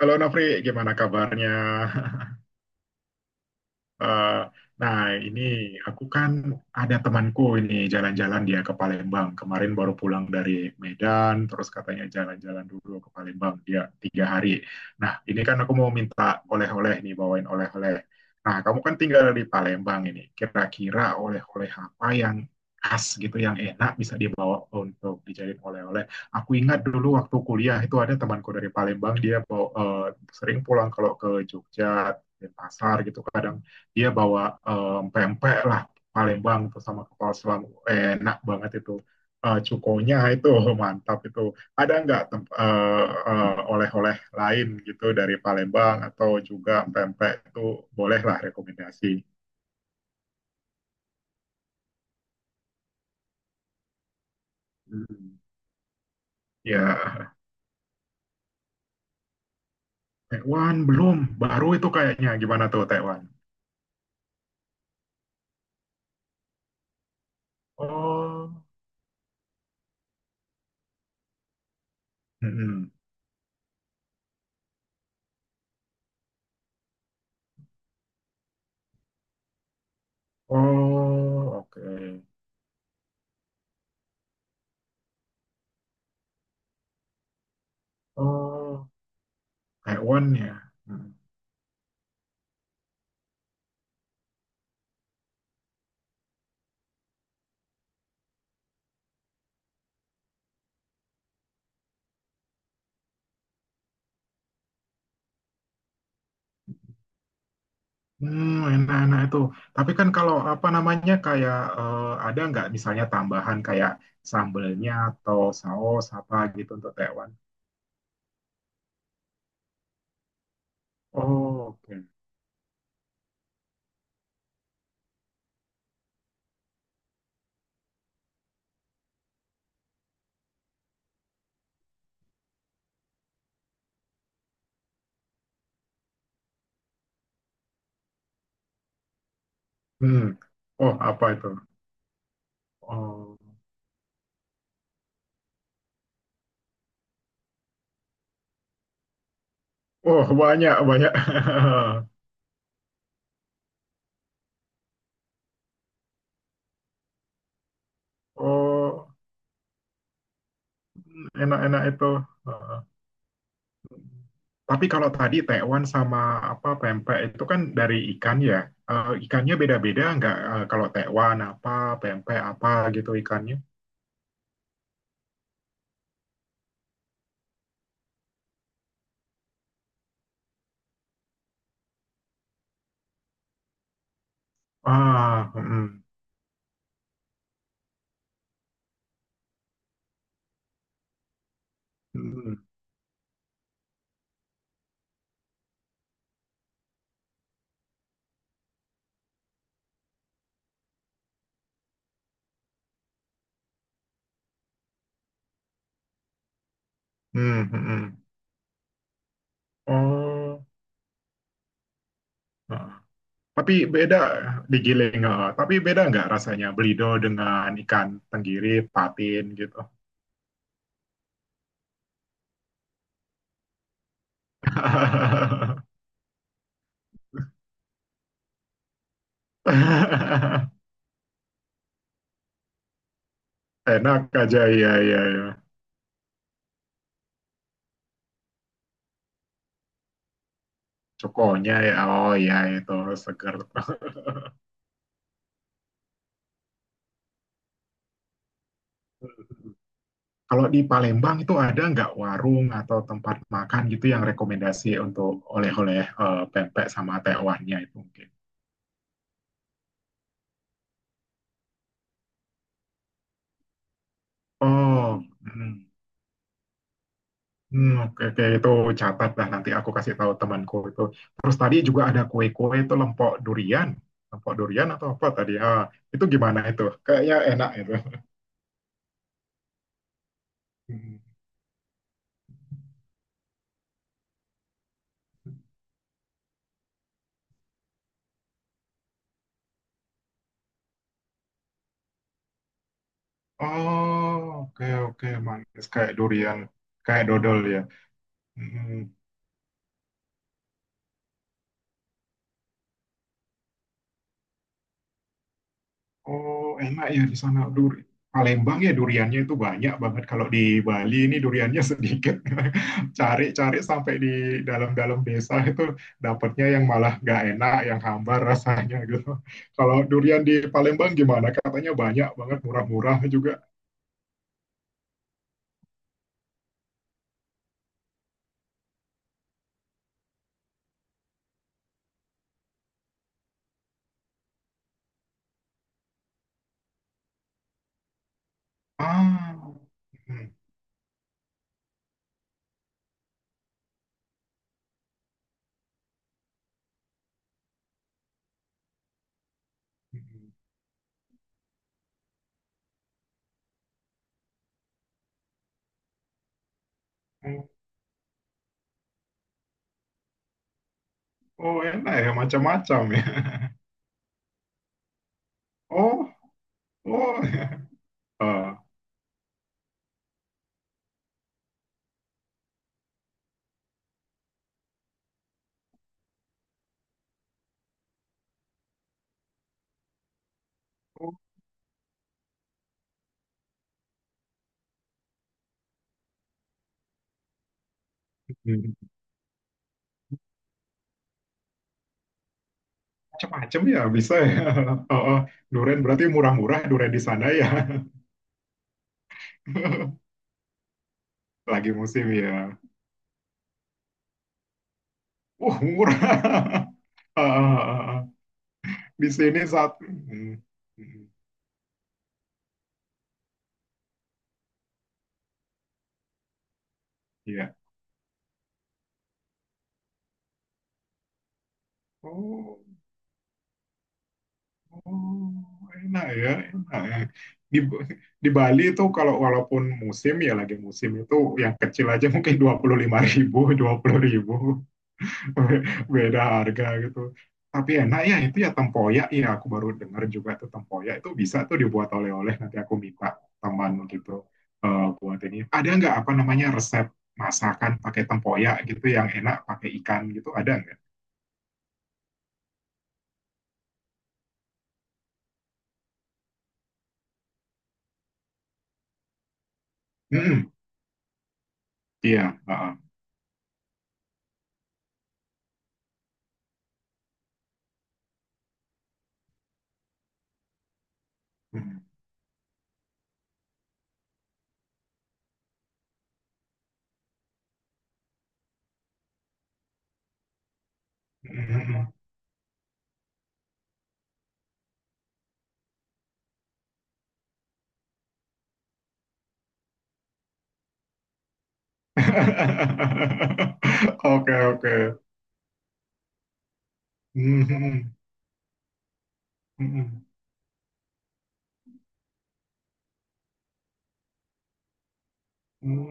Halo Nofri, gimana kabarnya? Eh, nah, ini aku kan ada temanku ini jalan-jalan dia ke Palembang. Kemarin baru pulang dari Medan, terus katanya jalan-jalan dulu ke Palembang dia 3 hari. Nah, ini kan aku mau minta oleh-oleh nih, bawain oleh-oleh. Nah, kamu kan tinggal di Palembang ini. Kira-kira oleh-oleh apa yang khas gitu, yang enak bisa dibawa untuk dijadiin oleh-oleh. Aku ingat dulu waktu kuliah itu ada temanku dari Palembang, dia bawa, sering pulang kalau ke Jogja Denpasar gitu kadang dia bawa pempek lah Palembang itu sama kepala selam, enak banget itu. Cukonya itu mantap itu. Ada nggak oleh-oleh lain gitu dari Palembang atau juga pempek itu, bolehlah rekomendasi. Hmm. Ya. Taiwan belum, baru itu kayaknya gimana tuh Taiwan. Oh. Mm-mm. Oh, oke. Oh. Taiwan ya. Mm. Hmm, enak-enak itu. Tapi kan kalau apa namanya kayak ada nggak misalnya tambahan kayak sambelnya atau saus apa gitu untuk tekwan? Oh, oke. Hmm. Oh, apa itu? Oh. Oh, banyak banyak. Oh, enak-enak itu. Heeh. Tapi kalau tadi tekwan sama apa pempek itu kan dari ikan ya. Ikannya beda-beda nggak? Kalau tekwan apa, pempek apa gitu ikannya? Ah, hmm. Hmm. Hmm, hmm, hmm. Oh, ah. Tapi beda digiling. Ah. Tapi beda nggak rasanya belido dengan ikan tenggiri, patin gitu? Enak aja ya ya ya. Cokonya ya, oh ya itu seger. Kalau di Palembang itu ada nggak warung atau tempat makan gitu yang rekomendasi untuk oleh-oleh, pempek sama tewannya itu mungkin? Oh, hmm. Hmm, oke, oke, itu catat lah nanti aku kasih tahu temanku itu. Terus tadi juga ada kue-kue itu lempok durian atau apa tadi? Ah, itu gimana itu? Kayaknya enak itu. Hmm. Oh, oke, oke, manis kayak durian, kayak dodol ya. Hmm. Oh, enak ya di sana. Duri. Palembang ya duriannya itu banyak banget. Kalau di Bali ini duriannya sedikit. Cari-cari sampai di dalam-dalam desa itu dapatnya yang malah nggak enak, yang hambar rasanya gitu. Kalau durian di Palembang gimana? Katanya banyak banget, murah-murah juga. Ah. Hmm. Hmm. Oh, enak ya, macam-macam ya. Oh, oh. Ah. Oh. Hmm. Macam-macam ya bisa ya. Oh, oh. Durian berarti murah-murah durian di sana ya. Lagi musim ya. Murah. Ah, ah, ah, ah. Di sini satu. Hmm, hmm. Iya. Oh, oh, enak ya, enak ya. Di, di Bali itu kalau walaupun musim ya lagi musim itu yang kecil aja mungkin 25.000, 20.000. Beda harga gitu. Tapi enak ya itu ya tempoyak ya aku baru dengar juga tuh tempoyak itu bisa tuh dibuat oleh-oleh nanti aku minta teman gitu buat ini. Ada nggak apa namanya resep masakan pakai tempoyak gitu yang enak pakai ikan gitu ada nggak? Hmm, iya. Heeh. Hmm, hmm, hmm. Oke oke. Hmm, hmm, hmm. Hmm. Hmm.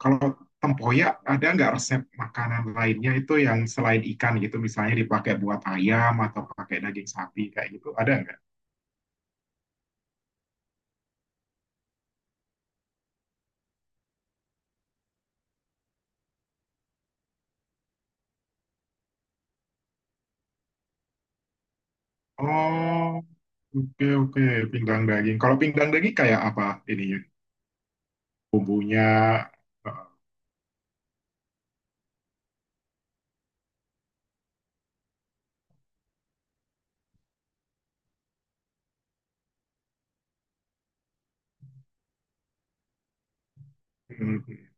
Kalau tempoyak ada nggak resep makanan lainnya itu yang selain ikan gitu, misalnya dipakai buat ayam atau pakai daging sapi kayak gitu, ada nggak? Oh, oke oke, pinggang daging. Kalau pinggang daging kayak apa ininya? Bumbunya? eh, hmm, hmm.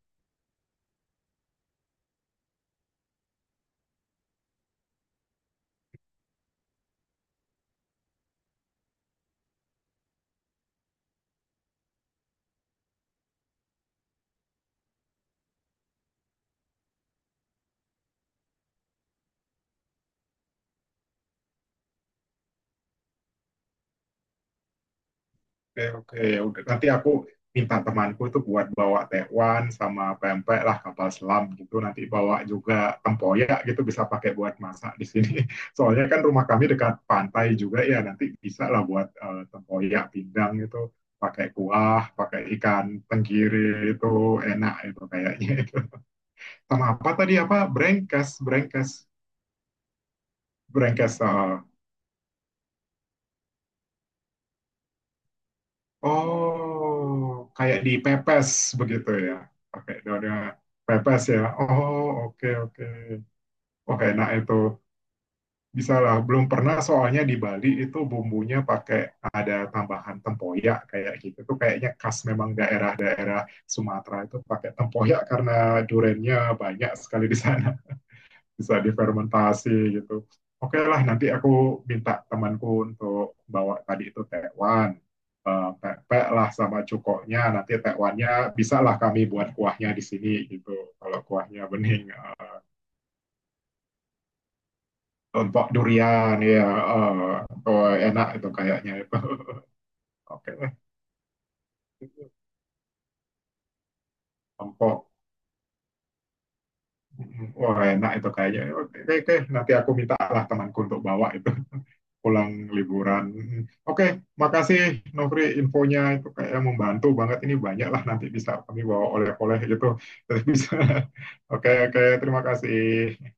Oke oke, ya udah nanti aku minta temanku itu buat bawa tekwan sama pempek lah kapal selam gitu nanti bawa juga tempoyak gitu bisa pakai buat masak di sini soalnya kan rumah kami dekat pantai juga ya nanti bisa lah buat tempoyak pindang gitu pakai kuah pakai ikan tenggiri itu enak itu kayaknya itu sama apa tadi apa brengkes brengkes brengkes. Oh, kayak di pepes begitu ya. Pakai daunnya pepes ya. Oh, oke oke. Oke, enak itu. Bisa lah. Belum pernah soalnya di Bali itu bumbunya pakai ada tambahan tempoyak kayak gitu. Itu kayaknya khas memang daerah-daerah Sumatera itu pakai tempoyak karena durennya banyak sekali di sana bisa difermentasi gitu. Oke lah, nanti aku minta temanku untuk bawa tadi itu tekwan, pepek lah sama cukoknya, nanti tekwannya bisa lah kami buat kuahnya di sini gitu. Kalau kuahnya bening, untuk durian ya, eh, oh, enak itu kayaknya itu. Oke lah, empok. Wah enak itu kayaknya. Oke, oke, nanti aku minta lah temanku untuk bawa itu. Pulang liburan. Mm. Oke, makasih Nofri infonya itu kayak membantu banget ini banyak lah nanti bisa kami bawa oleh-oleh gitu. Terus bisa. Oke, oke, terima kasih.